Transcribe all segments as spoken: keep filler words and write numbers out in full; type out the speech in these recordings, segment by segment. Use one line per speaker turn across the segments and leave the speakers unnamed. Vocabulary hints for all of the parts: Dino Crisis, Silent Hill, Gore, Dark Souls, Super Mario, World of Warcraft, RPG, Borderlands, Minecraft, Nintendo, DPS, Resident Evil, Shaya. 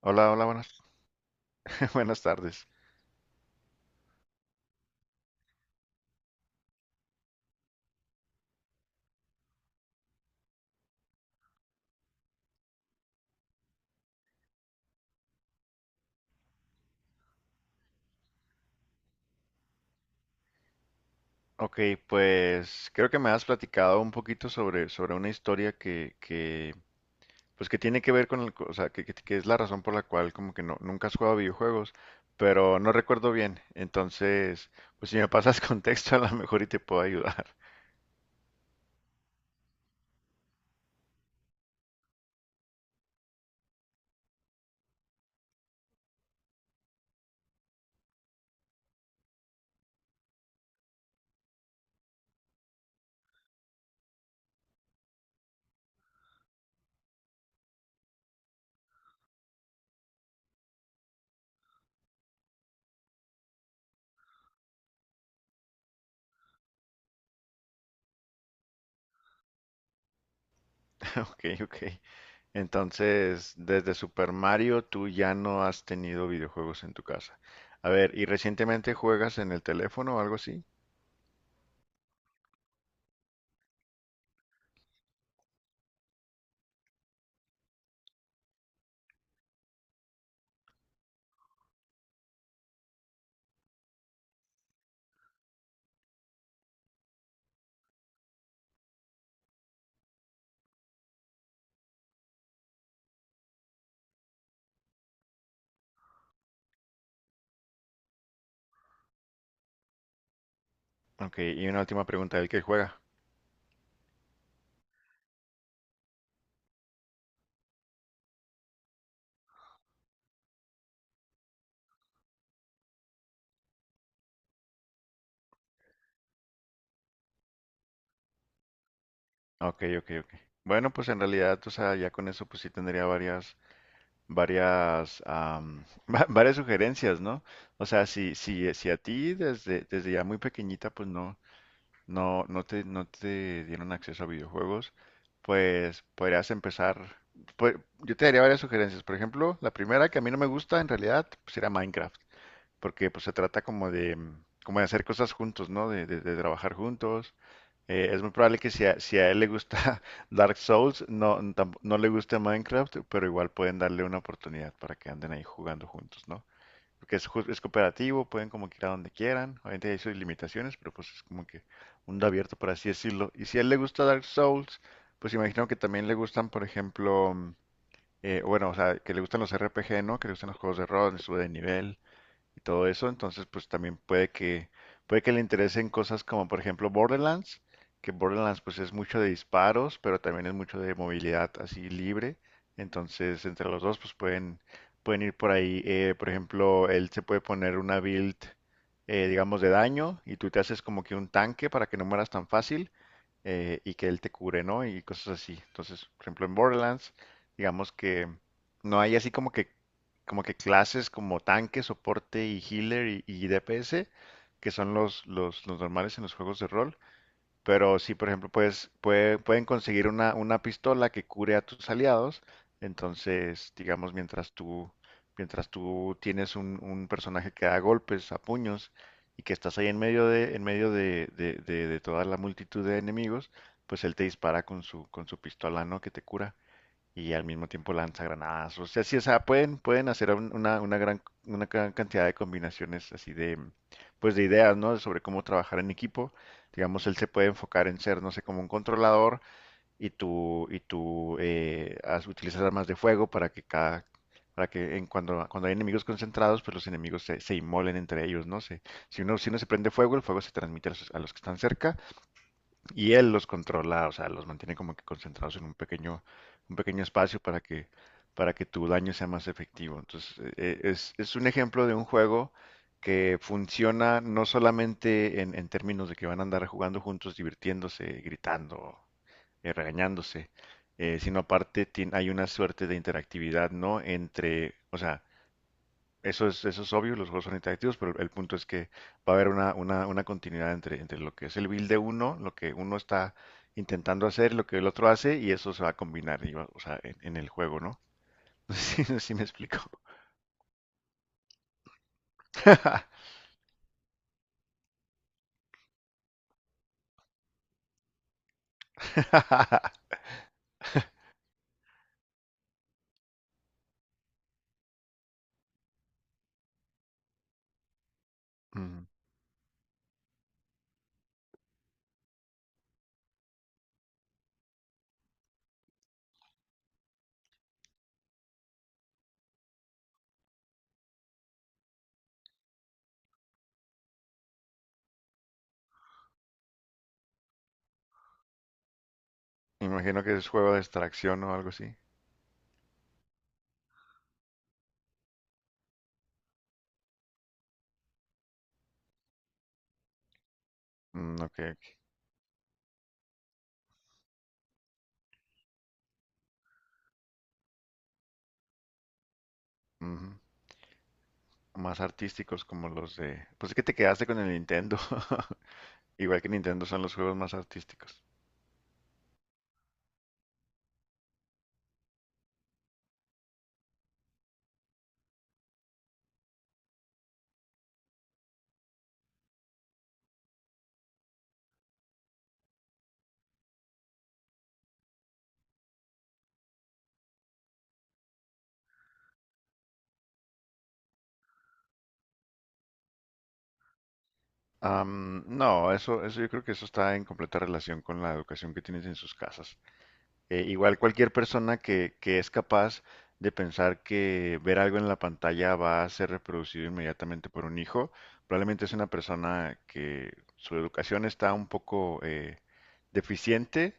Hola, hola, buenas, buenas tardes. Ok, pues creo que me has platicado un poquito sobre, sobre una historia que, que, pues que tiene que ver con el, co- o sea, que, que- que es la razón por la cual como que no, nunca has jugado videojuegos, pero no recuerdo bien. Entonces, pues si me pasas contexto a lo mejor y te puedo ayudar. Ok, ok. Entonces, desde Super Mario tú ya no has tenido videojuegos en tu casa. A ver, ¿y recientemente juegas en el teléfono o algo así? Ok, y una última pregunta, ¿el que juega? Ok, ok, ok. Bueno, pues en realidad, o sea, ya con eso pues sí tendría varias, varias, am, va- varias sugerencias, ¿no? O sea, si, si, si a ti desde, desde ya muy pequeñita pues no, no, no te, no te dieron acceso a videojuegos, pues podrías empezar, pues yo te daría varias sugerencias. Por ejemplo, la primera que a mí no me gusta en realidad pues era Minecraft porque pues se trata como de, mm, como de hacer cosas juntos, ¿no? De, de- de trabajar juntos. Eh, es muy probable que si a, si a él le gusta Dark Souls, no, tamp- no le guste Minecraft, pero igual pueden darle una oportunidad para que anden ahí jugando juntos, ¿no? Porque es, ju- es cooperativo, pueden como que ir a donde quieran, obviamente hay sus limitaciones, pero pues es como que mundo abierto, por así decirlo. Y si a él le gusta Dark Souls, pues imagino que también le gustan, por ejemplo, mm, eh, bueno, o sea, que le gustan los R P G, ¿no? Que le gustan los juegos de rol, de sube de nivel y todo eso. Entonces, pues también puede que, puede que le interesen cosas como, por ejemplo, Borderlands, que Borderlands pues es mucho de disparos, pero también es mucho de movilidad así libre. Entonces, entre los dos pues pueden, pueden ir por ahí. Eh, por ejemplo, él se puede poner una build, eh, digamos, de daño y tú te haces como que un tanque para que no mueras tan fácil eh, y que él te cure, ¿no? Y cosas así. Entonces, por ejemplo, en Borderlands, digamos que no hay así como que, como que clases como tanque, soporte y healer y, y D P S, que son los, los, los normales en los juegos de rol, pero si, por ejemplo, puedes, puede- pueden conseguir una, una pistola que cure a tus aliados, entonces, digamos, mientras tú, mientras tú tienes un, un personaje que da golpes a puños y que estás ahí en medio de, en medio de, de, de- de toda la multitud de enemigos, pues él te dispara con su, con su pistola, ¿no? Que te cura y al mismo tiempo lanza granadas. O sea, sí, o sea, pueden, pueden hacer un- una, una gran, una gran cantidad de combinaciones así de, pues de ideas, ¿no? Sobre cómo trabajar en equipo. Digamos, él se puede enfocar en ser, no sé, como un controlador y tú, y tú eh, haz- utilizas armas de fuego para que cada, para que en cuando, cuando hay enemigos concentrados, pues los enemigos se, se inmolen entre ellos, ¿no? Se, si uno, si uno se prende fuego, el fuego se transmite a los, a los que están cerca y él los controla, o sea, los mantiene como que concentrados en un pequeño, un pequeño espacio para que, para que tu daño sea más efectivo. Entonces, e- e- es, es un ejemplo de un juego que funciona no solamente en, en términos de que van a andar jugando juntos, divirtiéndose, gritando, eh, regañándose, eh, sino aparte tien- hay una suerte de interactividad, ¿no? Entre, o sea, eso es, eso es obvio, los juegos son interactivos, pero el punto es que va a haber una, una, una continuidad entre, entre lo que es el build de uno, lo que uno está intentando hacer, lo que el otro hace, y eso se va a combinar, y va- o sea, en, en el juego, ¿no? Sí, sí me explico. Mm, me imagino que es juego de extracción o algo así. Mm, ok, ok, ujú. Más artísticos como los de... Pues es que te quedaste con el Nintendo. Igual que Nintendo son los juegos más artísticos. Am, no, eso, eso yo creo que eso está en completa relación con la educación que tienes en sus casas. Eh, igual cualquier persona que, que es capaz de pensar que ver algo en la pantalla va a ser reproducido inmediatamente por un hijo, probablemente es una persona que su educación está un poco eh, deficiente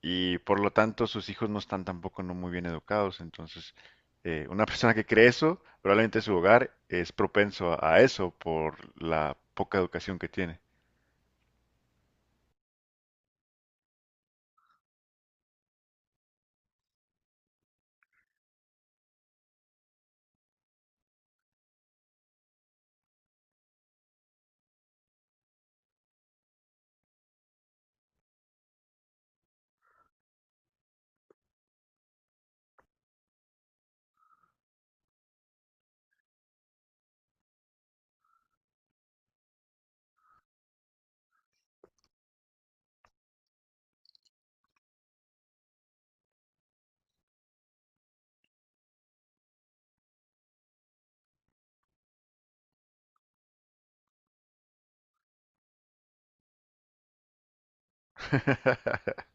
y por lo tanto sus hijos no están tampoco no muy bien educados. Entonces, eh, una persona que cree eso, probablemente su hogar es propenso a a eso por la poca educación que tiene.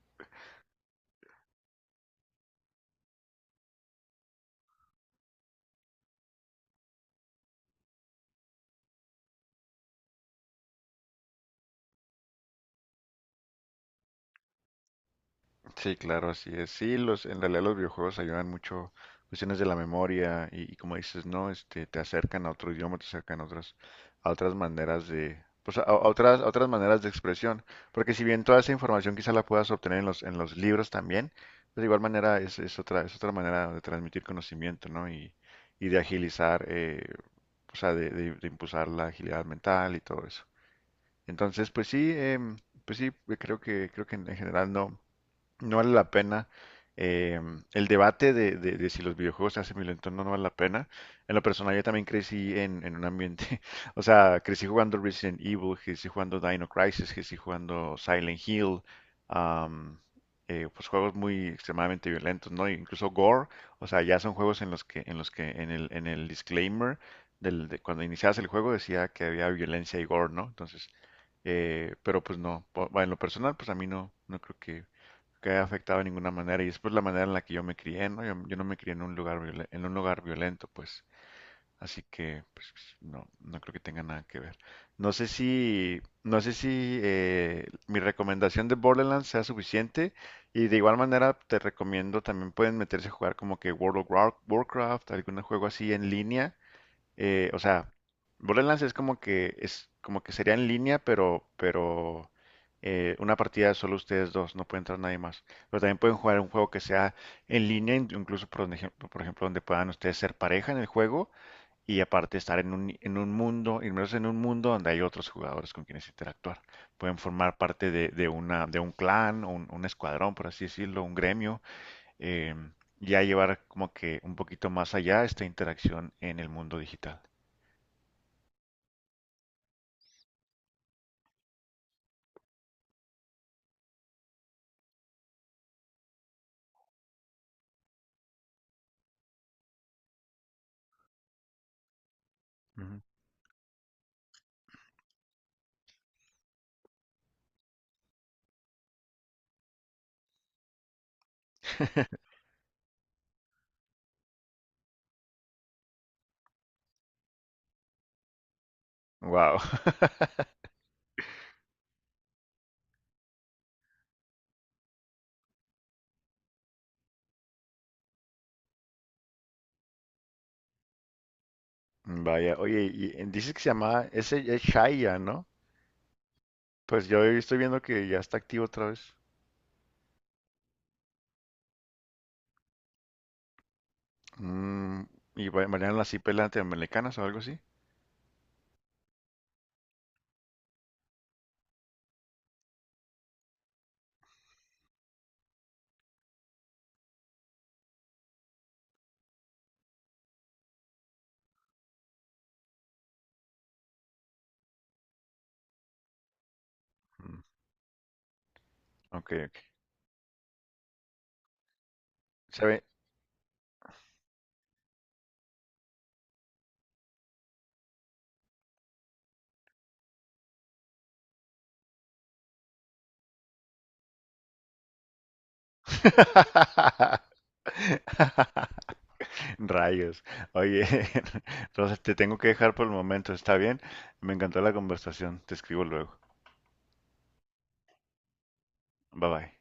Sí, claro, así es. Sí, los, en realidad los videojuegos ayudan mucho cuestiones de la memoria y, y como dices, ¿no? Este, te acercan a otro idioma, te acercan a otras, a otras maneras de, pues a, a otras, a otras maneras de expresión. Porque si bien toda esa información quizá la puedas obtener en los, en los libros también, pues de igual manera es, es otra, es otra manera de transmitir conocimiento, ¿no? Y, y de agilizar, eh, o sea, de, de- de impulsar la agilidad mental y todo eso. Entonces, pues sí, em, pues sí, creo que, creo que en en general no. No vale la pena. eh, el debate de, de- de si los videojuegos se hacen violentos o no, no vale la pena. En lo personal, yo también crecí en, en un ambiente, o sea, crecí jugando Resident Evil, crecí jugando Dino Crisis, crecí jugando Silent Hill, am, eh, pues juegos muy extremadamente violentos, ¿no? Incluso Gore, o sea, ya son juegos en los que, en los que en el, en el disclaimer del, de cuando iniciabas el juego decía que había violencia y gore, ¿no? Entonces, eh, pero pues no, po- bueno, en lo personal, pues a mí no, no creo que que haya afectado de ninguna manera. Y es por la manera en la que yo me crié, ¿no? Yo, yo no me crié en un lugar violen- en un lugar violento, pues. Así que, pues, no, no creo que tenga nada que ver. No sé si, no sé si eh, mi recomendación de Borderlands sea suficiente. Y de igual manera te recomiendo también pueden meterse a jugar como que World of War- Warcraft, algún juego así en línea eh, o sea, Borderlands es como que es como que sería en línea, pero pero eh, una partida solo ustedes dos, no puede entrar nadie más. Pero también pueden jugar un juego que sea en línea, in- incluso por, un ejemplo, por ejemplo donde puedan ustedes ser pareja en el juego y aparte estar en un en un mundo, inmersos en un mundo donde hay otros jugadores con quienes interactuar. Pueden formar parte de, de una de un clan, un, un escuadrón, por así decirlo, un gremio. em, ya llevar como que un poquito más allá esta interacción en el mundo digital. Wow. Vaya, oye, y eh, dices que se llama, ese es Shaya, ¿no? Pues yo estoy viendo que ya está activo otra vez. Mm, y va- bailaron así pelante americanas o algo así. Mm, ok, ok. Se ve. Rayos. Oye, entonces te tengo que dejar por el momento, ¿está bien? Me encantó la conversación. Te escribo luego. Bye bye.